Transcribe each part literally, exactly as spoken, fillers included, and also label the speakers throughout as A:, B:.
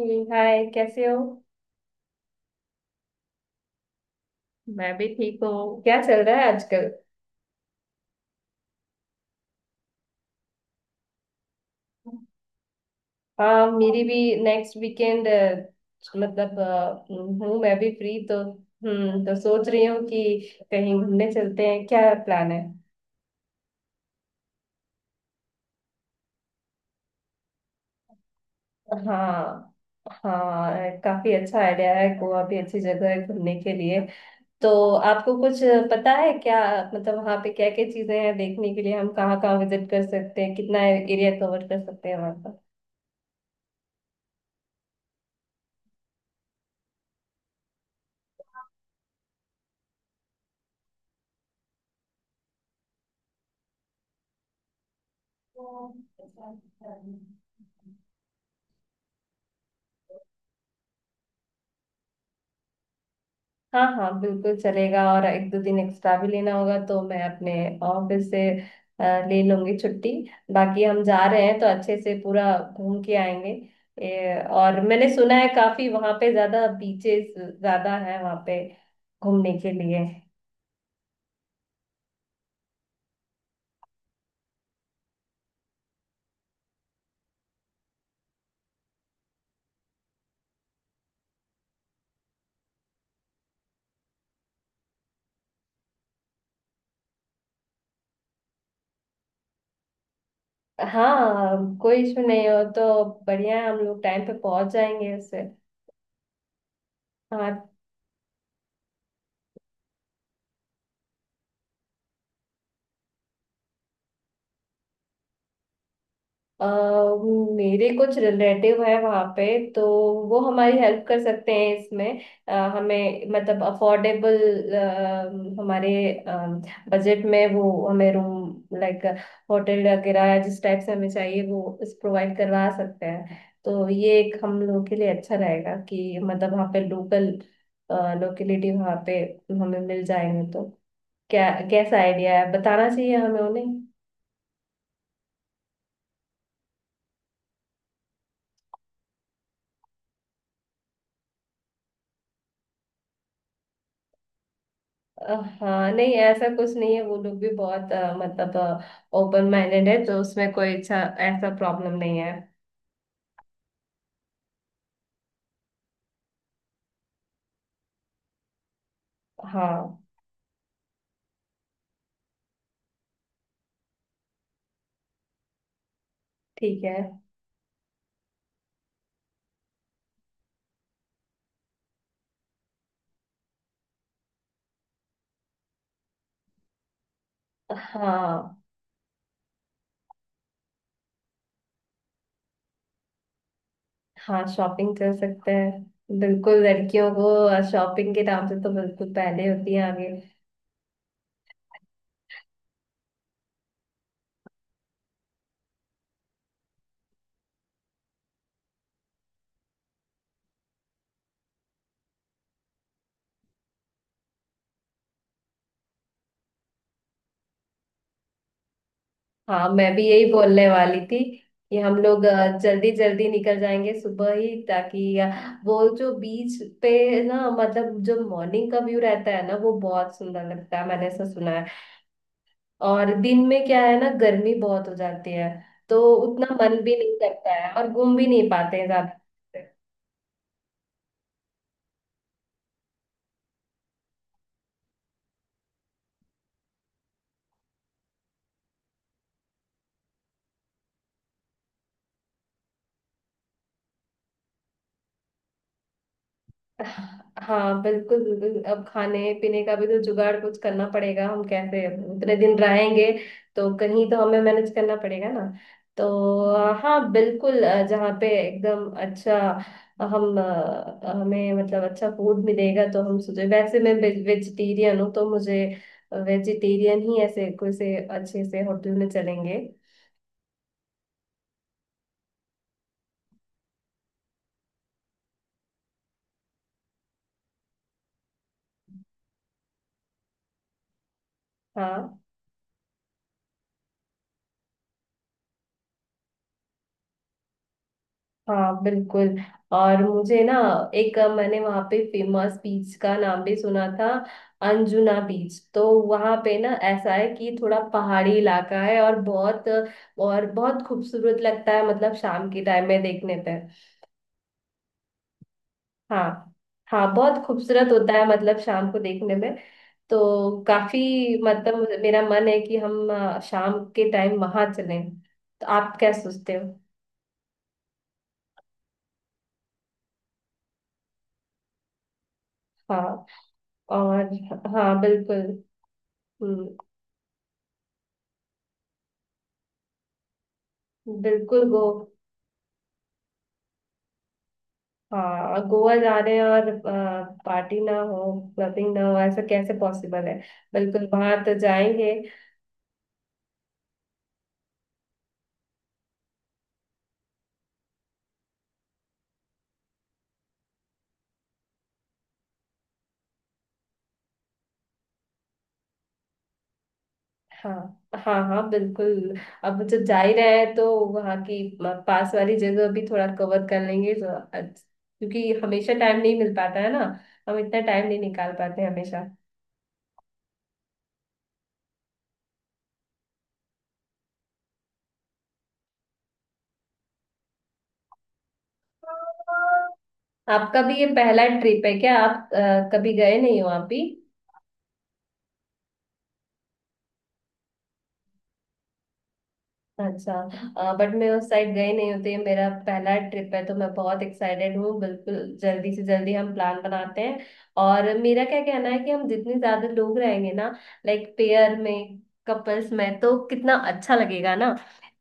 A: ठीक। हाय, कैसे हो? मैं भी ठीक हूँ। क्या चल रहा है आजकल? हाँ, मेरी भी। नेक्स्ट वीकेंड, मतलब अ, हूँ, मैं भी फ्री तो। हम्म तो सोच रही हूँ कि कहीं घूमने चलते हैं। क्या प्लान है? हाँ। हाँ, काफी अच्छा आइडिया है। गोवा भी अच्छी जगह है घूमने के लिए। तो आपको कुछ पता है क्या? मतलब, वहाँ पे क्या क्या चीजें हैं देखने के लिए, हम कहाँ कहाँ विजिट कर सकते हैं, कितना एरिया कवर कर सकते हैं वहाँ पर? हाँ हाँ, बिल्कुल चलेगा। और एक दो दिन एक्स्ट्रा भी लेना होगा तो मैं अपने ऑफिस से अ, ले लूंगी छुट्टी। बाकी हम जा रहे हैं तो अच्छे से पूरा घूम के आएंगे। ए, और मैंने सुना है काफी वहाँ पे ज्यादा बीचेस, ज्यादा है वहाँ पे घूमने के लिए। हाँ, कोई इशू नहीं हो तो बढ़िया है। हम लोग टाइम पे पहुंच जाएंगे उससे। हाँ। अ, मेरे कुछ रिलेटिव है वहाँ पे तो वो हमारी हेल्प कर सकते हैं इसमें। अ, हमें मतलब अफोर्डेबल हमारे बजट में वो हमें रूम लाइक होटल वगैरह या जिस टाइप से हमें चाहिए वो इस प्रोवाइड करवा सकते हैं। तो ये एक हम लोगों के लिए अच्छा रहेगा कि मतलब वहाँ पे लोकल लोकेलिटी वहाँ पे हमें मिल जाएंगे तो क्या कैसा आइडिया है? बताना चाहिए हमें उन्हें। अ, हाँ, नहीं ऐसा कुछ नहीं है। वो लोग भी बहुत अ, मतलब ओपन माइंडेड है तो उसमें कोई अच्छा ऐसा प्रॉब्लम नहीं है। हाँ, ठीक है। हाँ हाँ, शॉपिंग कर सकते हैं बिल्कुल। लड़कियों को शॉपिंग के नाम से तो बिल्कुल पहले होती है आगे। हाँ, मैं भी यही बोलने वाली थी कि हम लोग जल्दी जल्दी निकल जाएंगे सुबह ही, ताकि अ, वो जो बीच पे ना, मतलब जो मॉर्निंग का व्यू रहता है ना, वो बहुत सुंदर लगता है। मैंने ऐसा सुना है। और दिन में क्या है ना, गर्मी बहुत हो जाती है तो उतना मन भी नहीं करता है और घूम भी नहीं पाते हैं ज्यादा। हाँ बिल्कुल, बिल्कुल। अब खाने पीने का भी तो जुगाड़ कुछ करना पड़ेगा, हम कैसे इतने दिन रहेंगे? तो कहीं तो हमें मैनेज करना पड़ेगा ना। तो अ, हाँ बिल्कुल। अ, जहाँ पे एकदम अच्छा हम अ, हमें मतलब अच्छा फूड मिलेगा तो हम सोचे। वैसे मैं वेजिटेरियन हूँ तो मुझे वेजिटेरियन ही ऐसे कोई से अच्छे से होटल में चलेंगे। हाँ हाँ बिल्कुल। और मुझे ना एक अ, मैंने वहाँ पे फेमस बीच का नाम भी सुना था, अंजुना बीच। तो वहाँ पे ना ऐसा है कि थोड़ा पहाड़ी इलाका है और बहुत अ, और बहुत खूबसूरत लगता है मतलब शाम के टाइम में देखने पे। हाँ। हाँ, बहुत खूबसूरत होता है मतलब शाम को देखने में। तो काफी, मतलब मुझे- मेरा मन है कि हम अ, शाम के टाइम वहां चलें। तो आप क्या सोचते हो? हाँ। और हाँ, बिल्कुल। हम्म, बिल्कुल गो। हाँ, गोवा जा रहे हैं और पार्टी ना हो, क्लबिंग ना हो, ऐसा कैसे पॉसिबल है? बिल्कुल, वहां तो जाएंगे। हाँ हाँ हाँ, बिल्कुल। अब जब जा ही रहे हैं तो वहाँ की अ, पास वाली जगह भी थोड़ा कवर कर लेंगे तो अच्छ- क्योंकि हमेशा टाइम नहीं मिल पाता है ना। हम इतना टाइम नहीं निकाल पाते हैं हमेशा। आपका भी ये पहला ट्रिप है क्या? आप अ, कभी गए नहीं हो आप भी? अच्छा। बट मैं उस साइड गई नहीं होती, ये मेरा पहला ट्रिप है तो मैं बहुत एक्साइटेड हूँ बिल्कुल। जल्दी से जल्दी हम प्लान बनाते हैं। और मेरा क्या कहना है कि हम जितने ज्यादा लोग रहेंगे ना, लाइक पेयर में, कपल्स में, तो कितना अच्छा लगेगा ना।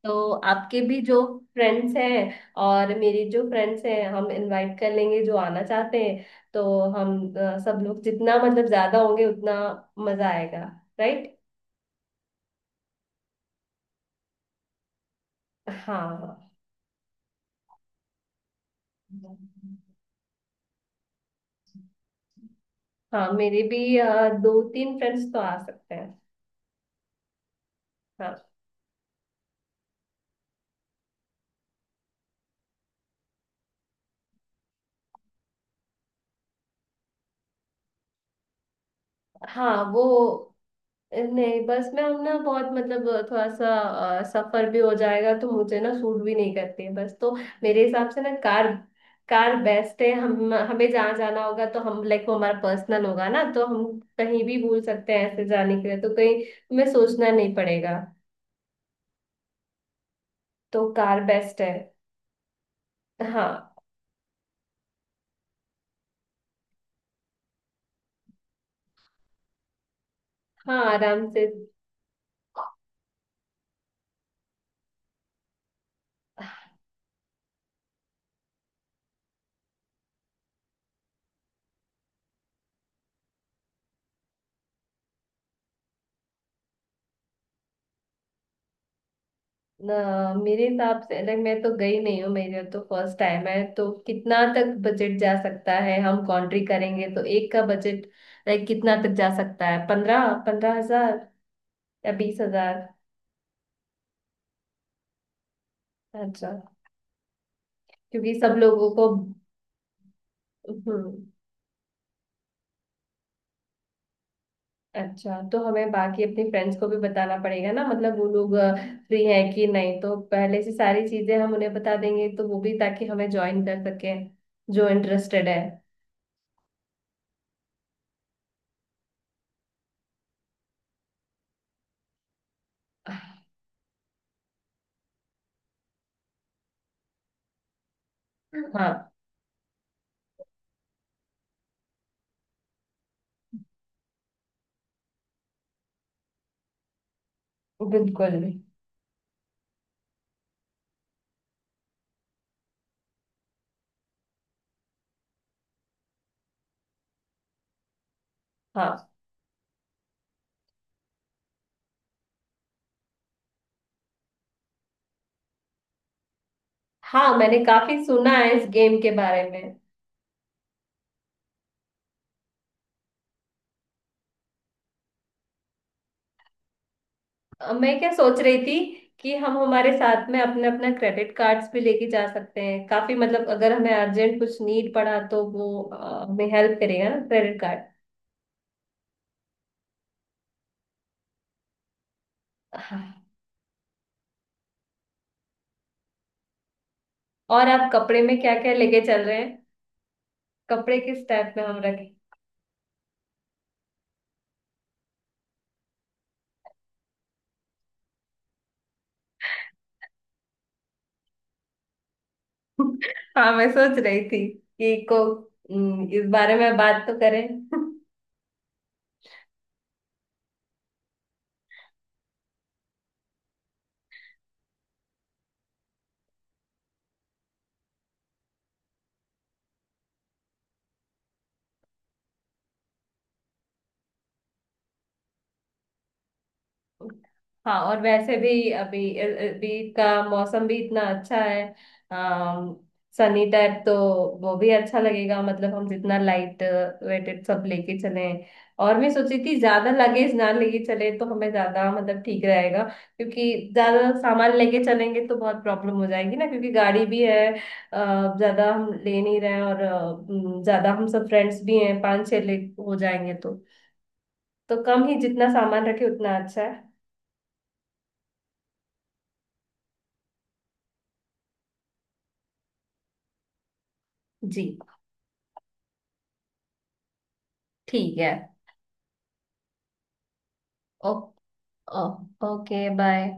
A: तो आपके भी जो फ्रेंड्स हैं और मेरी जो फ्रेंड्स हैं हम इनवाइट कर लेंगे जो आना चाहते हैं। तो हम अ, सब लोग जितना मतलब ज्यादा होंगे उतना मजा आएगा, राइट। हाँ। हाँ, मेरे भी अ, दो तीन फ्रेंड्स तो आ सकते हैं। हाँ हाँ। वो नहीं, बस में हम ना बहुत मतलब थोड़ा सा अ, सफर भी हो जाएगा तो मुझे ना सूट भी नहीं करती है बस तो। मेरे हिसाब से ना कार। कार बेस्ट है। हम हमें जहाँ जाना होगा तो हम लाइक वो हमारा पर्सनल होगा ना तो हम कहीं भी भूल सकते हैं ऐसे जाने के लिए तो कहीं हमें सोचना नहीं पड़ेगा। तो कार बेस्ट है। हाँ हाँ, आराम से ना। मेरे हिसाब से लाइक मैं तो गई नहीं हूँ, मेरा तो फर्स्ट टाइम है तो कितना तक बजट जा सकता है? हम कंट्री करेंगे तो एक का बजट लाइक कितना तक जा सकता है? पंद्रह पंद्रह हजार या बीस हजार? अच्छा। क्योंकि सब लोगों को। हम्म। अच्छा, तो हमें बाकी अपने फ्रेंड्स को भी बताना पड़ेगा ना। मतलब वो लोग फ्री हैं कि नहीं तो पहले से सारी चीजें हम उन्हें बता देंगे तो वो भी, ताकि हमें ज्वाइन कर सके जो इंटरेस्टेड है। हाँ बिल्कुल। हाँ हाँ, मैंने काफी सुना है इस गेम के बारे में। अ, मैं क्या सोच रही थी कि हम हमारे साथ में अपने अपना क्रेडिट कार्ड्स भी लेके जा सकते हैं काफी मतलब। अगर हमें अर्जेंट कुछ नीड पड़ा तो वो अ, हमें हेल्प करेगा ना क्रेडिट कार्ड। हाँ, और आप कपड़े में क्या क्या लेके चल रहे हैं? कपड़े किस टाइप में हम रखें? हाँ, मैं सोच रही थी कि को हम्म, इस बारे में बात तो करें। हाँ, और वैसे भी अभी अभी का मौसम भी इतना अच्छा है। अम सनी टाइप तो वो भी अच्छा लगेगा। मतलब हम जितना लाइट वेटेड सब लेके चले, और मैं सोची थी ज्यादा लगेज ना लेके चले तो हमें ज्यादा मतलब ठीक रहेगा। क्योंकि ज्यादा सामान लेके चलेंगे तो बहुत प्रॉब्लम हो जाएगी ना, क्योंकि गाड़ी भी है। अ, ज्यादा हम ले नहीं रहे हैं। और अ, उम, ज्यादा हम सब फ्रेंड्स भी हैं पांच छह ले हो जाएंगे तो। तो कम ही जितना सामान रखे उतना अच्छा है। जी, ठीक है। ओ, ओ, ओके, बाय।